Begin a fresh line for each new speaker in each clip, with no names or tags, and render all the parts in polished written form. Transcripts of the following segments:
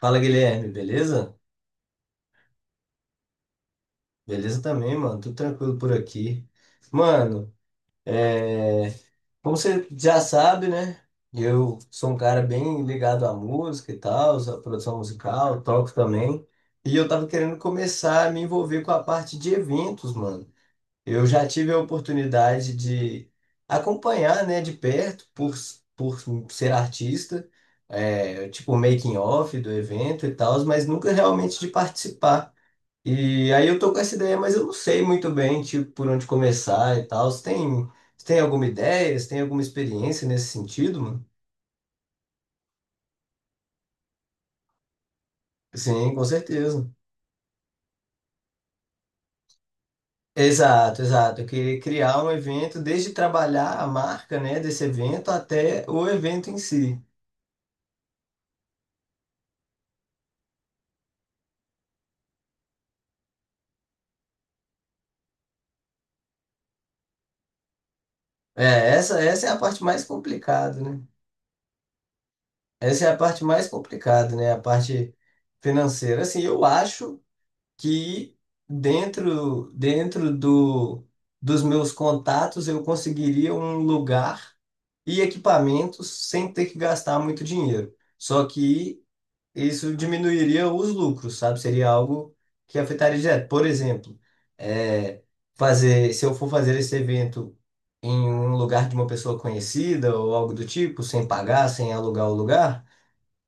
Fala, Guilherme, beleza? Beleza também, mano. Tudo tranquilo por aqui. Mano, é... como você já sabe, né? Eu sou um cara bem ligado à música e tal, à produção musical, toco também. E eu tava querendo começar a me envolver com a parte de eventos, mano. Eu já tive a oportunidade de acompanhar, né, de perto, por ser artista, tipo, making of do evento e tal, mas nunca realmente de participar. E aí eu tô com essa ideia, mas eu não sei muito bem, tipo, por onde começar e tal. Você tem alguma ideia? Você tem alguma experiência nesse sentido, mano? Sim, com certeza. Exato, exato. Eu queria criar um evento, desde trabalhar a marca, né, desse evento até o evento em si. É, essa é a parte mais complicada, né? Essa é a parte mais complicada, né? A parte financeira. Assim, eu acho. Que dentro dos meus contatos eu conseguiria um lugar e equipamentos sem ter que gastar muito dinheiro. Só que isso diminuiria os lucros, sabe? Seria algo que afetaria direto. Por exemplo, é, se eu for fazer esse evento em um lugar de uma pessoa conhecida ou algo do tipo, sem pagar, sem alugar o lugar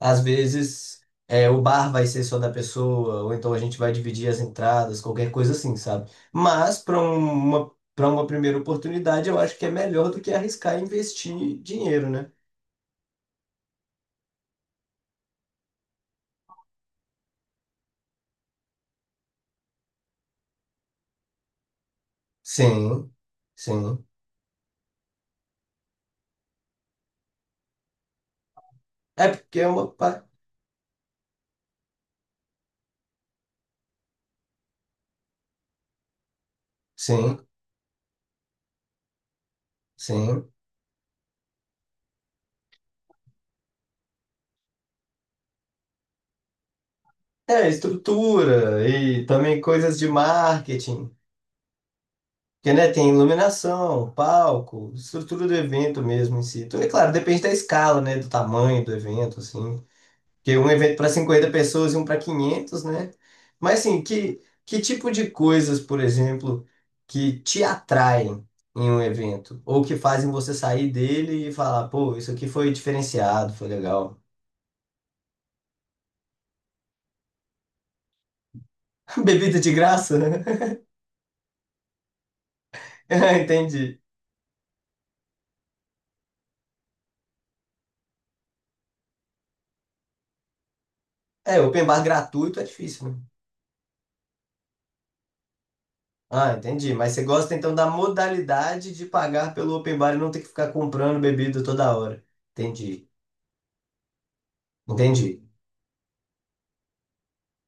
às vezes o bar vai ser só da pessoa, ou então a gente vai dividir as entradas, qualquer coisa assim, sabe? Mas para uma primeira oportunidade, eu acho que é melhor do que arriscar e investir dinheiro, né? Sim, sim. É porque é uma. Sim, sim. É, estrutura e também coisas de marketing. Porque, né, tem iluminação, palco, estrutura do evento mesmo em si. Então, é claro, depende da escala, né, do tamanho do evento, assim. Que um evento para 50 pessoas e um para 500, né? Mas assim, que tipo de coisas, por exemplo, que te atraem em um evento? Ou que fazem você sair dele e falar, pô, isso aqui foi diferenciado, foi legal. Bebida de graça, né? Ah, entendi. É, open bar gratuito é difícil, né? Ah, entendi. Mas você gosta então da modalidade de pagar pelo open bar e não ter que ficar comprando bebida toda hora. Entendi. Entendi.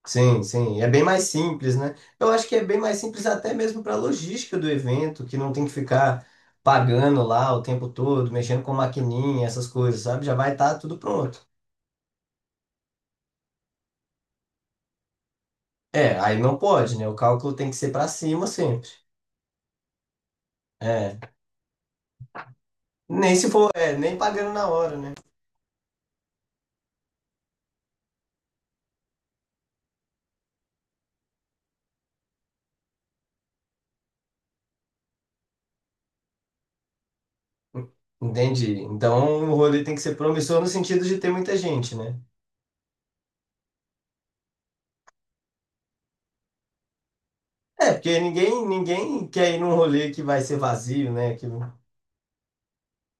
Sim, sim, é bem mais simples, né? Eu acho que é bem mais simples até mesmo para a logística do evento, que não tem que ficar pagando lá o tempo todo, mexendo com maquininha, essas coisas, sabe? Já vai estar tudo pronto. É, aí não pode, né? O cálculo tem que ser para cima sempre. É, nem se for, nem pagando na hora, né? Entendi. Então o rolê tem que ser promissor no sentido de ter muita gente, né? É, porque ninguém quer ir num rolê que vai ser vazio, né? Que...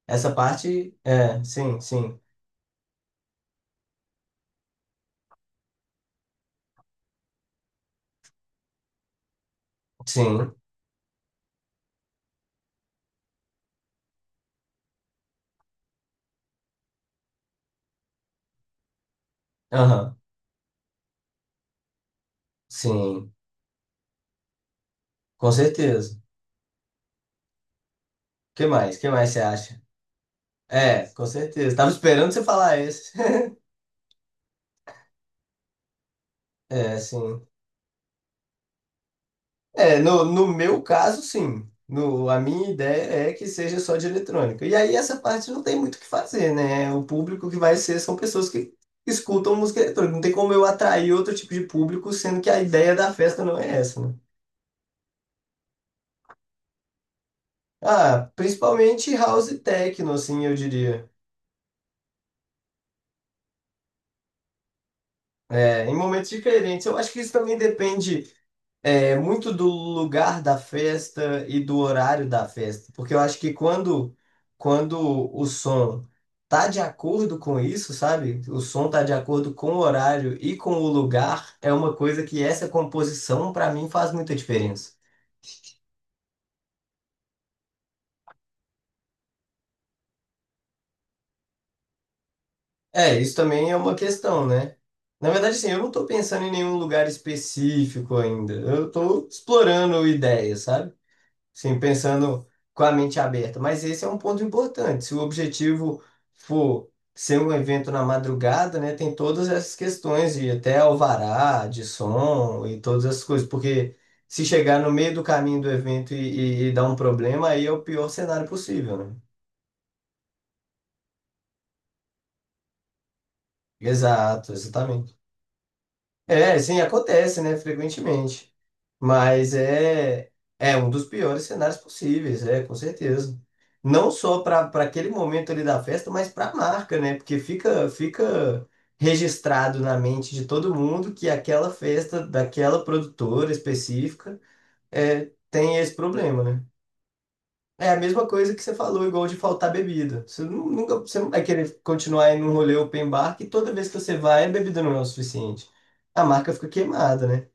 Essa parte, sim, sim, sim. Aham, sim, com certeza. Que mais? Que mais você acha? É, com certeza. Tava esperando você falar esse. É, sim. É, no meu caso, sim. No, a minha ideia é que seja só de eletrônica. E aí essa parte não tem muito o que fazer, né? O público que vai ser são pessoas que escutam música eletrônica. Não tem como eu atrair outro tipo de público, sendo que a ideia da festa não é essa, né? Ah, principalmente house e techno, assim, eu diria. É, em momentos diferentes. Eu acho que isso também depende. É muito do lugar da festa e do horário da festa, porque eu acho que quando o som tá de acordo com isso, sabe? O som tá de acordo com o horário e com o lugar, é uma coisa que essa composição para mim faz muita diferença. É, isso também é uma questão, né? Na verdade, assim, eu não tô pensando em nenhum lugar específico ainda. Eu tô explorando ideias, sabe? Sim, pensando com a mente aberta. Mas esse é um ponto importante. Se o objetivo for ser um evento na madrugada, né, tem todas essas questões de até alvará, de som e todas essas coisas. Porque se chegar no meio do caminho do evento e dar um problema, aí é o pior cenário possível, né? Exato, exatamente. É, sim, acontece, né, frequentemente. Mas é um dos piores cenários possíveis, com certeza. Não só para aquele momento ali da festa, mas para a marca, né? Porque fica registrado na mente de todo mundo que aquela festa daquela produtora específica tem esse problema, né? É a mesma coisa que você falou, igual de faltar bebida. Você nunca, você não vai querer continuar em um rolê open bar que toda vez que você vai, a bebida não é o suficiente. A marca fica queimada, né?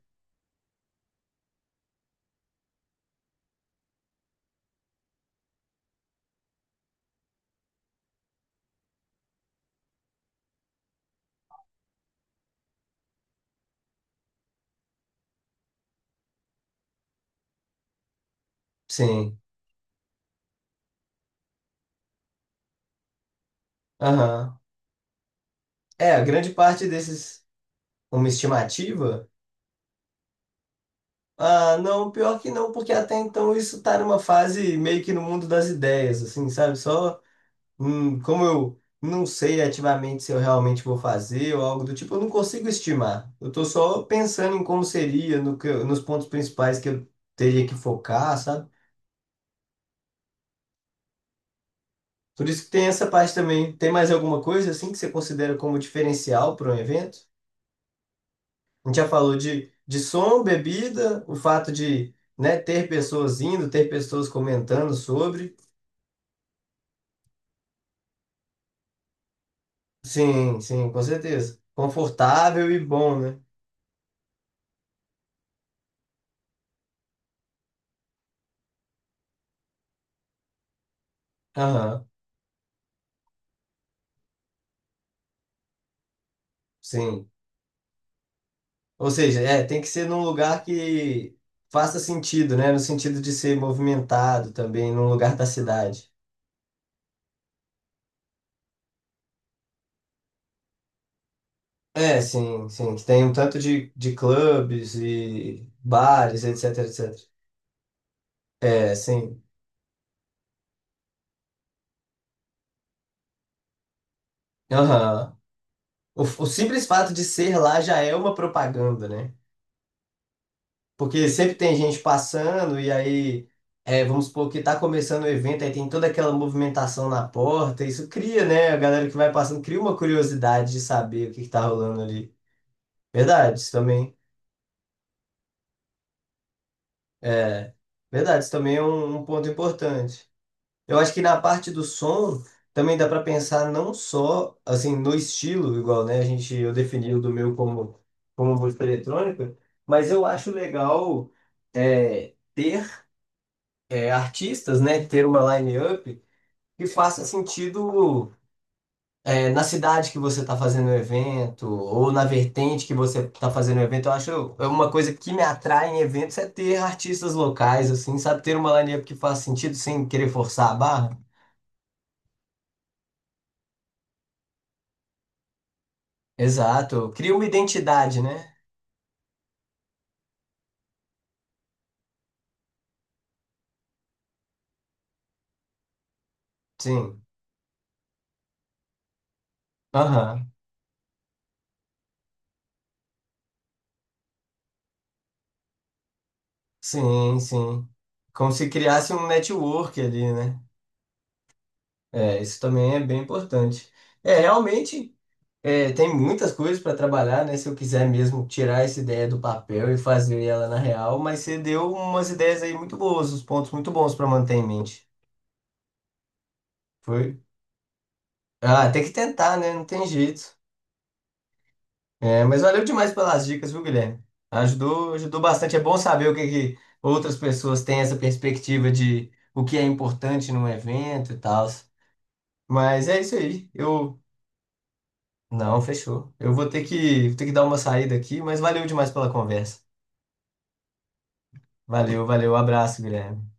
Sim. Aham. É, a grande parte desses, uma estimativa? Ah, não, pior que não, porque até então isso tá numa fase meio que no mundo das ideias, assim, sabe? Só, como eu não sei ativamente se eu realmente vou fazer ou algo do tipo, eu não consigo estimar. Eu tô só pensando em como seria, no que, nos pontos principais que eu teria que focar, sabe? Por isso que tem essa parte também. Tem mais alguma coisa, assim, que você considera como diferencial para um evento? A gente já falou de som, bebida, o fato de, né, ter pessoas indo, ter pessoas comentando sobre. Sim, sim, com certeza. Confortável e bom, né? Aham, sim. Ou seja, tem que ser num lugar que faça sentido, né? No sentido de ser movimentado também, num lugar da cidade. É, sim, sim. Que tem um tanto de clubes e bares, etc, etc. É, sim. Aham. O simples fato de ser lá já é uma propaganda, né? Porque sempre tem gente passando, e aí, vamos supor que está começando o evento, aí tem toda aquela movimentação na porta, isso cria, né? A galera que vai passando cria uma curiosidade de saber o que está rolando ali. Verdade, isso também é, verdade, isso também é um ponto importante. Eu acho que na parte do som também dá para pensar não só assim no estilo, igual, né? A gente eu defini o do meu como como música eletrônica, mas eu acho legal ter artistas, né, ter uma line-up que faça sentido na cidade que você está fazendo o evento ou na vertente que você está fazendo o evento. Eu acho é uma coisa que me atrai em eventos é ter artistas locais, assim, sabe? Ter uma line-up que faça sentido sem querer forçar a barra. Exato. Cria uma identidade, né? Sim. Aham. Sim, sim. Como se criasse um network ali, né? É, isso também é bem importante. É, realmente. É, tem muitas coisas para trabalhar, né? Se eu quiser mesmo tirar essa ideia do papel e fazer ela na real, mas você deu umas ideias aí muito boas, uns pontos muito bons para manter em mente. Foi. Ah, tem que tentar, né? Não tem jeito. É, mas valeu demais pelas dicas, viu, Guilherme? Ajudou, ajudou bastante. É bom saber o que, que outras pessoas têm essa perspectiva de o que é importante num evento e tal. Mas é isso aí. Eu. Não, fechou. Eu vou ter que, dar uma saída aqui, mas valeu demais pela conversa. Valeu, valeu, abraço, Guilherme.